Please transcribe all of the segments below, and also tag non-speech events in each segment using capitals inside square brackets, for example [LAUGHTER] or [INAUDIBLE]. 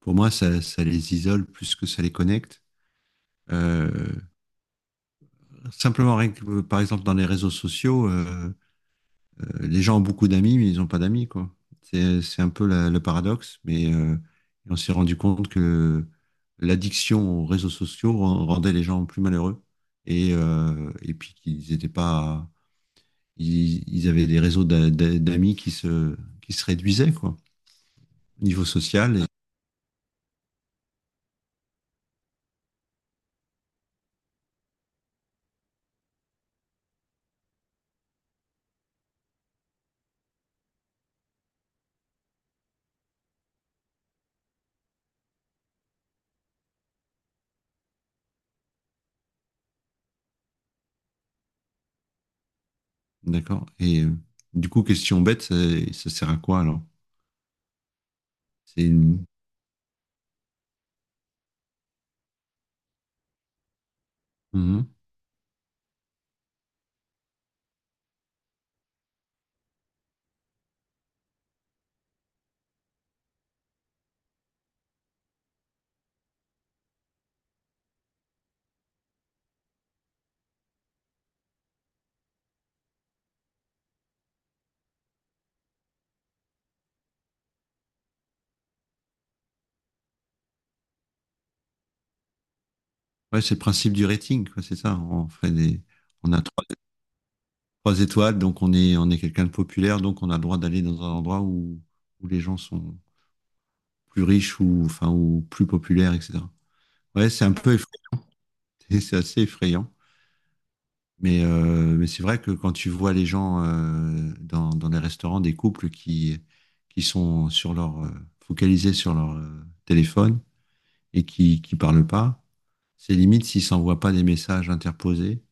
Pour moi, ça les isole plus que ça les connecte. Euh, Simplement, par exemple, dans les réseaux sociaux, les gens ont beaucoup d'amis, mais ils n'ont pas d'amis. Quoi. C'est un peu le paradoxe, mais on s'est rendu compte que l'addiction aux réseaux sociaux rendait les gens plus malheureux et puis qu'ils n'étaient pas. Ils avaient des réseaux d'amis qui se réduisaient, quoi, au niveau social. Et, d'accord. Et du coup, question bête, ça sert à quoi alors? C'est une- mmh. Ouais, c'est le principe du rating, quoi, c'est ça. On a trois étoiles, donc on est quelqu'un de populaire, donc on a le droit d'aller dans un endroit où les gens sont plus riches ou, enfin, ou plus populaires, etc. Ouais, c'est un peu effrayant, [LAUGHS] c'est assez effrayant. Mais c'est vrai que quand tu vois les gens dans les restaurants, des couples qui sont sur focalisés sur leur téléphone et qui parlent pas, c'est limite s'ils ne s'envoient pas des messages interposés.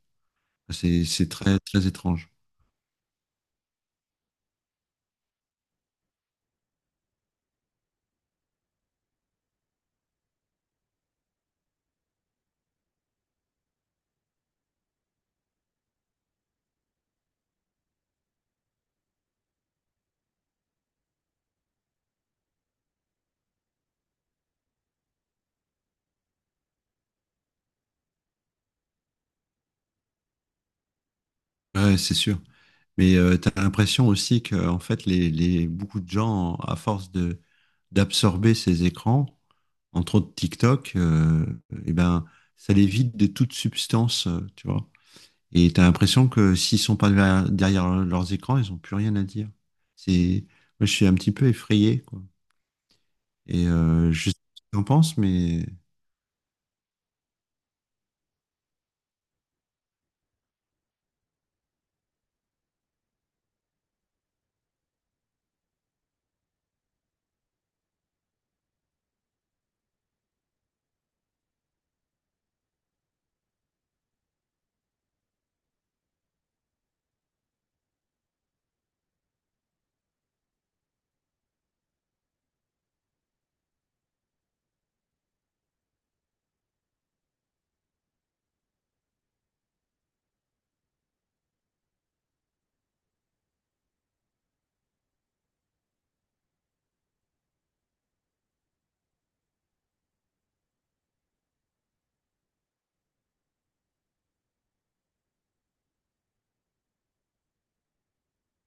C'est très, très étrange. Ouais, c'est sûr. Mais tu as l'impression aussi que en fait, beaucoup de gens, à force de d'absorber ces écrans, entre autres TikTok, eh ben, ça les vide de toute substance, tu vois. Et tu as l'impression que s'ils sont pas derrière leurs écrans, ils ont plus rien à dire. C'est, moi, je suis un petit peu effrayé, quoi. Et je sais pas ce que t'en penses, mais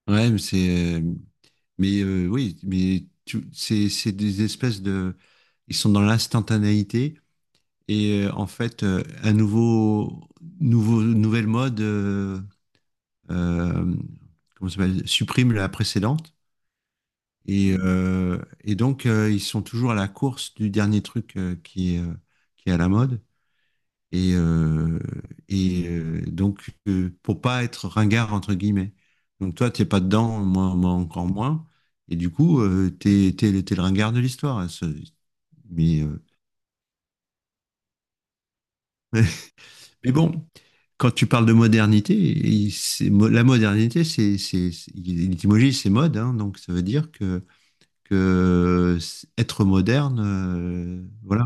ouais, mais oui, c'est des espèces de ils sont dans l'instantanéité et en fait un nouveau nouveau nouvelle mode euh, comment ça s'appelle supprime la précédente. Et et donc ils sont toujours à la course du dernier truc qui est à la mode et euh, et donc pour pas être ringard entre guillemets, donc toi t'es pas dedans, moi encore moins, et du coup t'es t'es le ringard de l'histoire, hein, mais [LAUGHS] Mais bon, quand tu parles de modernité, la modernité, l'étymologie, c'est mode, hein, donc ça veut dire que, être moderne, voilà,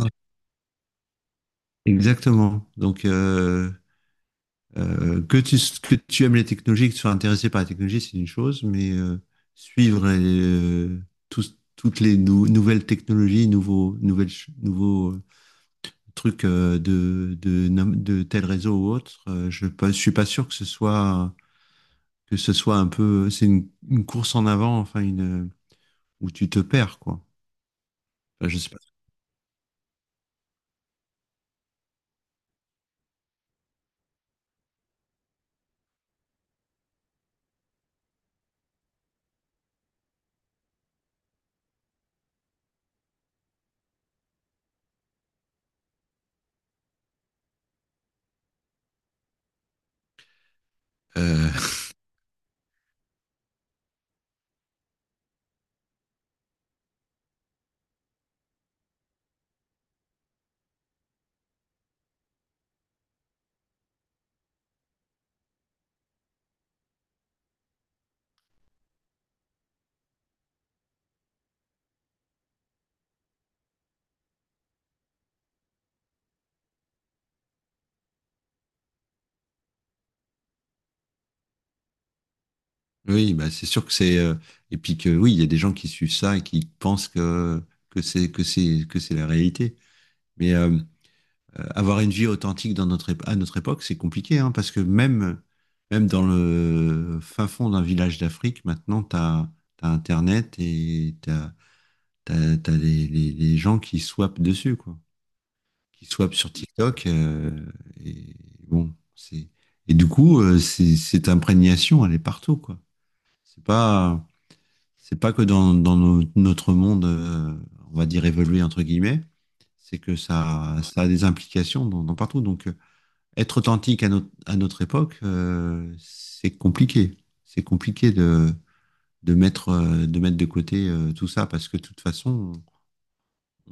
exactement. Donc, que tu aimes les technologies, que tu sois intéressé par la technologie, c'est une chose, mais suivre toutes les nouvelles technologies, nouveaux trucs de tel réseau ou autre, je ne suis pas sûr que ce soit, un peu, c'est une course en avant, enfin une où tu te perds, quoi. Enfin, je sais pas. Euh, [LAUGHS] oui, bah c'est sûr que c'est et puis que oui, il y a des gens qui suivent ça et qui pensent que que c'est la réalité. Mais avoir une vie authentique dans à notre époque, c'est compliqué, hein, parce que même même dans le fin fond d'un village d'Afrique, maintenant t'as t'as Internet et t'as les gens qui swappent dessus, quoi. Qui swap sur TikTok. Et bon, c'est et du coup, cette imprégnation, elle est partout, quoi. C'est pas, c'est pas que dans, notre monde, on va dire évolué entre guillemets, c'est que ça a des implications dans, dans partout. Donc, être authentique à à notre époque, c'est compliqué. C'est compliqué de mettre, de mettre de côté tout ça parce que de toute façon,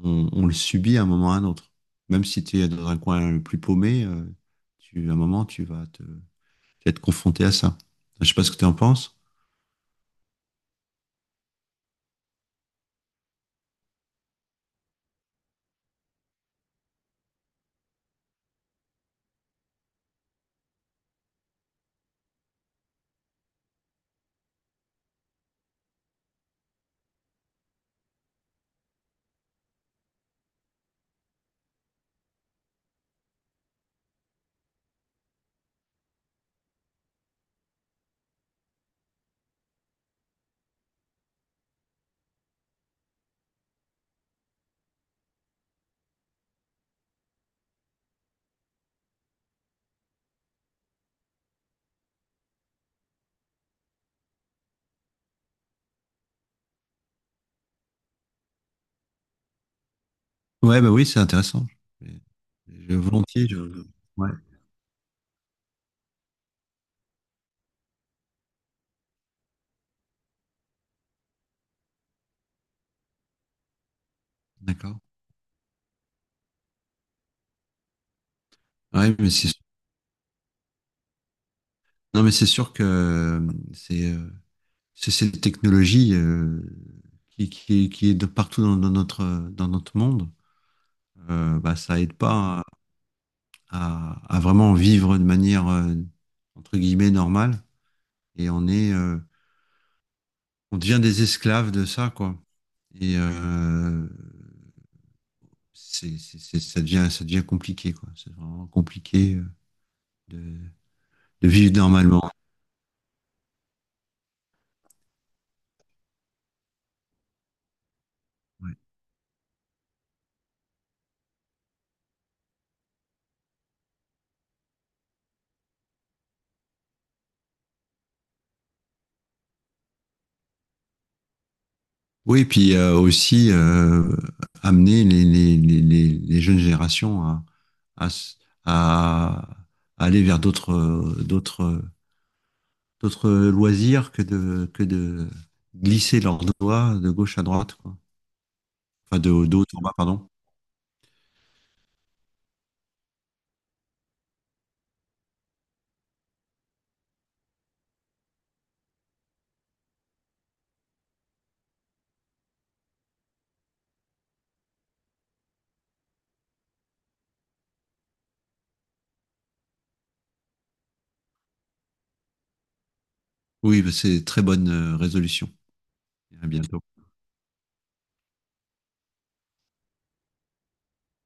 on le subit à un moment ou à un autre. Même si tu es dans un coin le plus paumé, à un moment, tu vas être confronté à ça. Je sais pas ce que tu en penses. Ouais, bah oui, c'est intéressant. Mais je, volontiers, je, ouais, d'accord. Ouais, non, mais c'est sûr que c'est, euh, c'est cette technologie qui est de partout dans notre monde. Bah, ça aide pas à, à vraiment vivre de manière entre guillemets normale. Et on est, on devient des esclaves de ça, quoi. Et ça devient compliqué, quoi. C'est vraiment compliqué de, de vivre normalement. Ouais. Oui, et puis aussi amener les jeunes générations à, à, s- à- à aller vers d'autres, d'autres, d'autres loisirs que que de glisser leurs doigts de gauche à droite, quoi. Enfin, de haut en bas, pardon. Oui, bah, c'est très bonne résolution. À bientôt.